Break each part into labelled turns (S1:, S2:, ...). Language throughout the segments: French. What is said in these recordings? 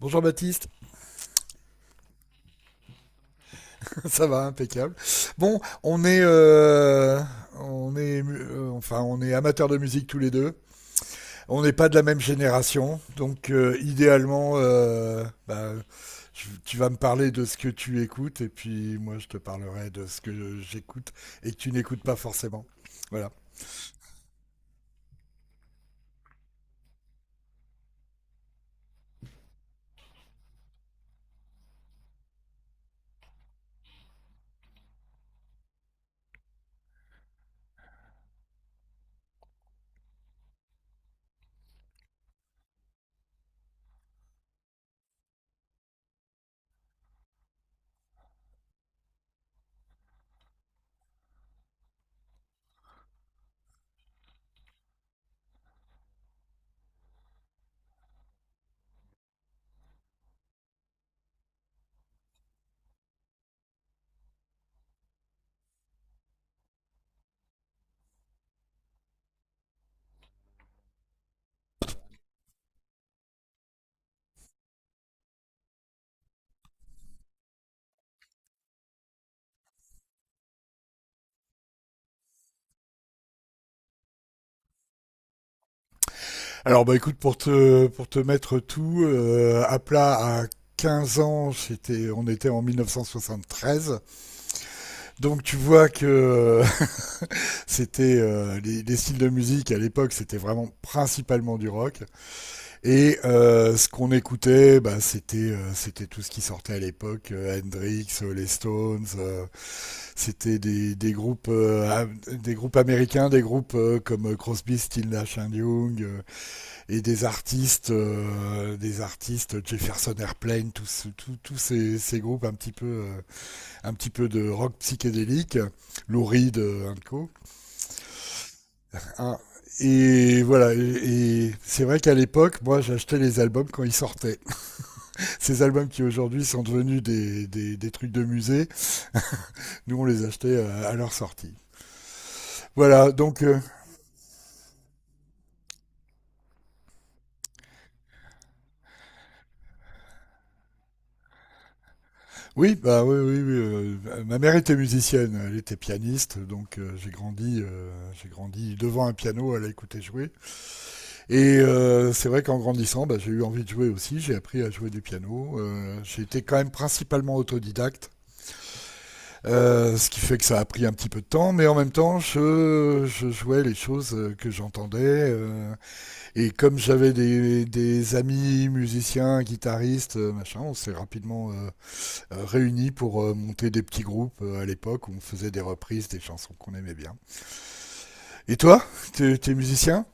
S1: Bonjour Baptiste. Ça va, impeccable. Bon, on est, enfin, on est amateurs de musique tous les deux. On n'est pas de la même génération, donc idéalement, bah, tu vas me parler de ce que tu écoutes et puis moi je te parlerai de ce que j'écoute et que tu n'écoutes pas forcément. Voilà. Alors bah écoute, pour te mettre tout à plat à 15 ans, j'étais, on était en 1973. Donc tu vois que c'était styles de musique à l'époque, c'était vraiment principalement du rock. Et ce qu'on écoutait, bah, c'était tout ce qui sortait à l'époque, Hendrix, les Stones. C'était des groupes américains, des groupes comme Crosby, Stills, Nash and Young, et des artistes Jefferson Airplane, groupes un petit peu de rock psychédélique, Lou Reed, un co. Hein. Et voilà, et, c'est vrai qu'à l'époque, moi j'achetais les albums quand ils sortaient. Ces albums qui aujourd'hui sont devenus des trucs de musée, nous on les achetait à leur sortie. Voilà, donc oui, bah oui, oui, oui, ma mère était musicienne, elle était pianiste, donc j'ai grandi, devant un piano, elle a écouté jouer. Et c'est vrai qu'en grandissant, bah, j'ai eu envie de jouer aussi, j'ai appris à jouer du piano. J'ai été quand même principalement autodidacte. Ce qui fait que ça a pris un petit peu de temps, mais en même temps, je jouais les choses que j'entendais. euh, et comme j'avais des amis musiciens, guitaristes, machin, on s'est rapidement, réunis pour monter des petits groupes à l'époque où on faisait des reprises des chansons qu'on aimait bien. Et toi, t'es musicien?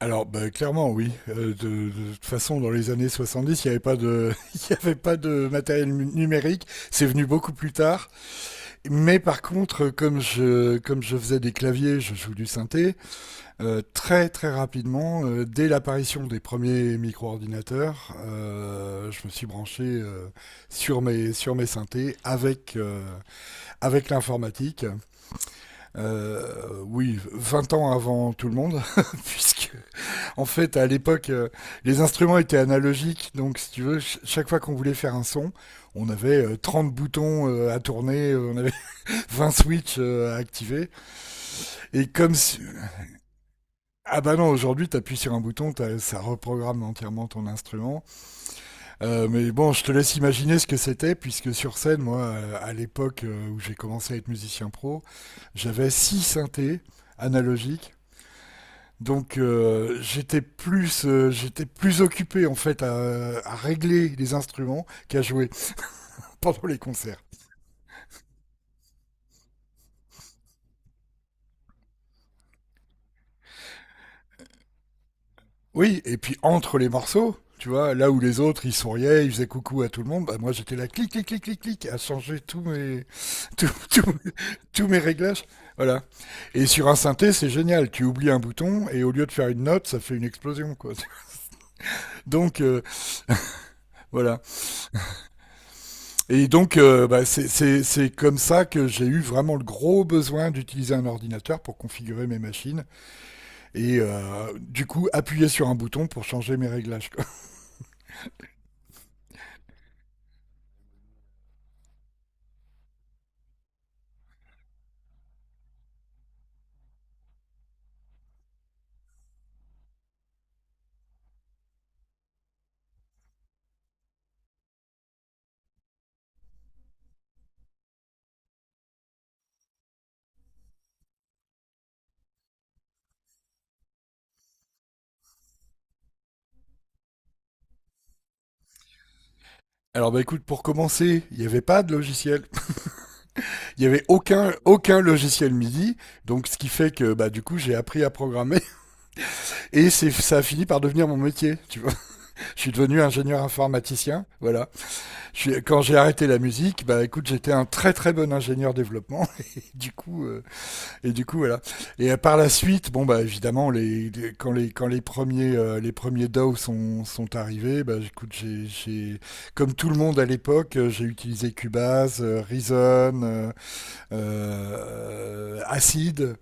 S1: Alors, bah, clairement, oui. De toute façon, dans les années 70, il n'y avait pas de, il y avait pas de matériel numérique. C'est venu beaucoup plus tard. Mais par contre, comme je faisais des claviers, je joue du synthé, très très rapidement, dès l'apparition des premiers micro-ordinateurs, je me suis branché sur mes synthés avec l'informatique. Oui, 20 ans avant tout le monde, puisque en fait à l'époque, les instruments étaient analogiques, donc si tu veux, chaque fois qu'on voulait faire un son, on avait 30 boutons à tourner, on avait 20 switches à activer. Et comme si... Ah bah non, aujourd'hui, t'appuies sur un bouton, ça reprogramme entièrement ton instrument. Mais bon, je te laisse imaginer ce que c'était, puisque sur scène, moi, à l'époque où j'ai commencé à être musicien pro, j'avais 6 synthés analogiques. Donc j'étais plus occupé en fait à régler les instruments qu'à jouer pendant les concerts. Oui, et puis entre les morceaux, tu vois, là où les autres ils souriaient, ils faisaient coucou à tout le monde, bah moi j'étais là clic clic clic clic clic à changer tous mes tous, tous- tous mes réglages, voilà. Et sur un synthé, c'est génial, tu oublies un bouton et au lieu de faire une note, ça fait une explosion quoi. Donc voilà. Et donc bah, c'est comme ça que j'ai eu vraiment le gros besoin d'utiliser un ordinateur pour configurer mes machines et du coup appuyer sur un bouton pour changer mes réglages. Alors bah écoute, pour commencer, il n'y avait pas de logiciel. Il n'y avait aucun logiciel MIDI. Donc ce qui fait que bah du coup j'ai appris à programmer. Ça a fini par devenir mon métier. Tu vois, je suis devenu ingénieur informaticien. Voilà. Quand j'ai arrêté la musique, bah écoute, j'étais un très très bon ingénieur développement. Et du coup, euh, Et du coup, voilà. Et par la suite, bon, bah, évidemment, quand les premiers DAW sont arrivés, bah, écoute, comme tout le monde à l'époque, j'ai utilisé Cubase, Reason, Acid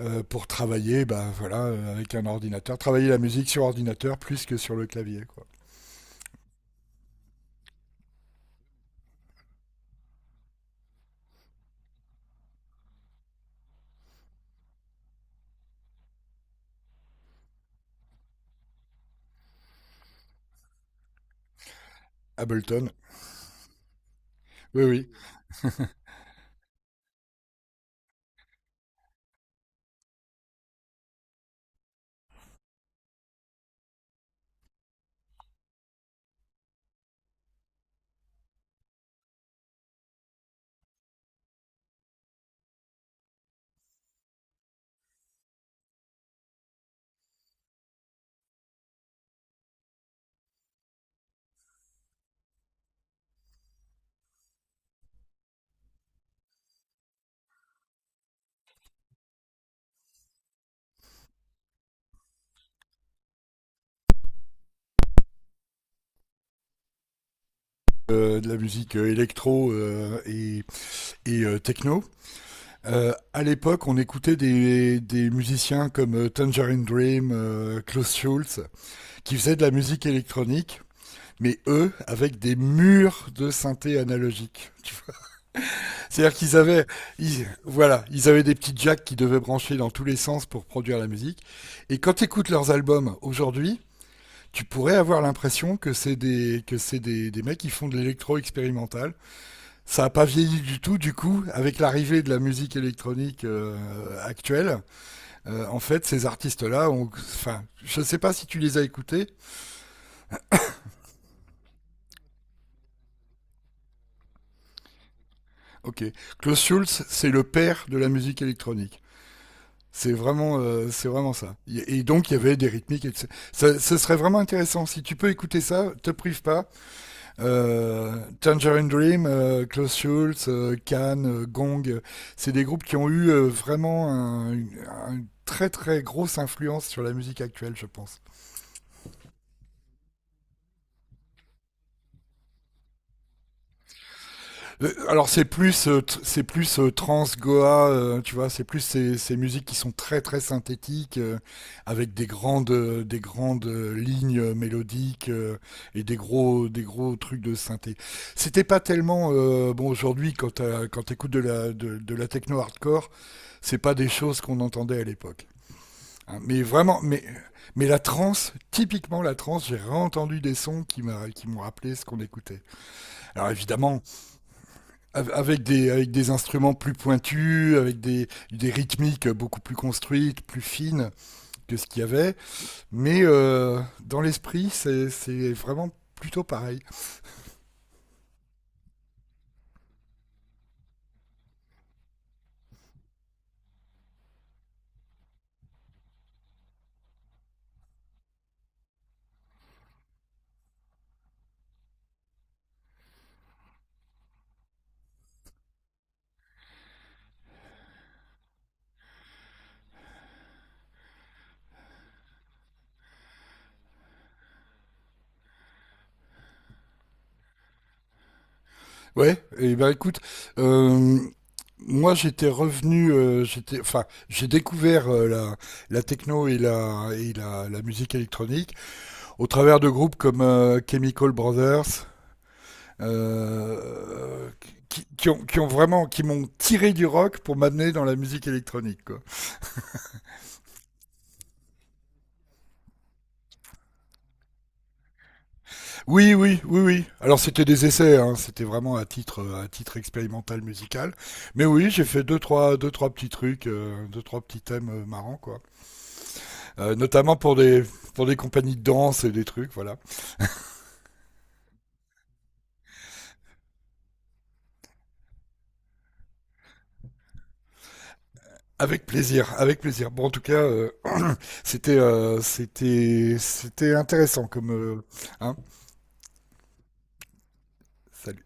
S1: euh, pour travailler, bah, voilà, avec un ordinateur. Travailler la musique sur ordinateur plus que sur le clavier, quoi. Ableton, oui, oui. De la musique électro et techno. À l'époque, on écoutait des musiciens comme Tangerine Dream, Klaus Schulze, qui faisaient de la musique électronique, mais eux, avec des murs de synthé analogique. Tu vois. C'est-à-dire qu'ils avaient, voilà, ils avaient des petits jacks qui devaient brancher dans tous les sens pour produire la musique. Et quand tu écoutes leurs albums aujourd'hui, tu pourrais avoir l'impression que c'est des mecs qui font de l'électro expérimental. Ça n'a pas vieilli du tout, du coup, avec l'arrivée de la musique électronique actuelle. En fait, ces artistes-là, enfin, je ne sais pas si tu les as écoutés. Ok, Klaus Schulze, c'est le père de la musique électronique. C'est vraiment ça. Et donc, il y avait des rythmiques. Et tout ça. Ce serait vraiment intéressant. Si tu peux écouter ça, te prive pas. Tangerine Dream, Klaus Schulze, Can, Gong, c'est des groupes qui ont eu vraiment une très très grosse influence sur la musique actuelle, je pense. Alors c'est plus trans Goa, tu vois, c'est plus ces musiques qui sont très très synthétiques avec des grandes lignes mélodiques, et des gros trucs de synthé. C'était pas tellement bon aujourd'hui quand quand t'écoutes de la techno hardcore, c'est pas des choses qu'on entendait à l'époque. Hein. mais vraiment mais la trance, typiquement la trance, j'ai réentendu des sons qui m'ont rappelé ce qu'on écoutait. Alors évidemment, avec des instruments plus pointus, avec des rythmiques beaucoup plus construites, plus fines que ce qu'il y avait. Mais dans l'esprit, c'est vraiment plutôt pareil. Ouais, et ben écoute, euh, moi j'étais revenu, j'étais, enfin, j'ai découvert la techno et la musique électronique au travers de groupes comme Chemical Brothers, euh, ont, qui ont vraiment, qui m'ont tiré du rock pour m'amener dans la musique électronique. Quoi. Oui, oui, oui, oui. Alors c'était des essais, hein, c'était vraiment à titre expérimental musical. Mais oui, j'ai fait deux trois petits trucs, deux trois petits thèmes marrants, quoi. Notamment pour des compagnies de danse et des trucs, voilà. Avec plaisir, avec plaisir. Bon, en tout cas, c'était intéressant comme, hein. Salut.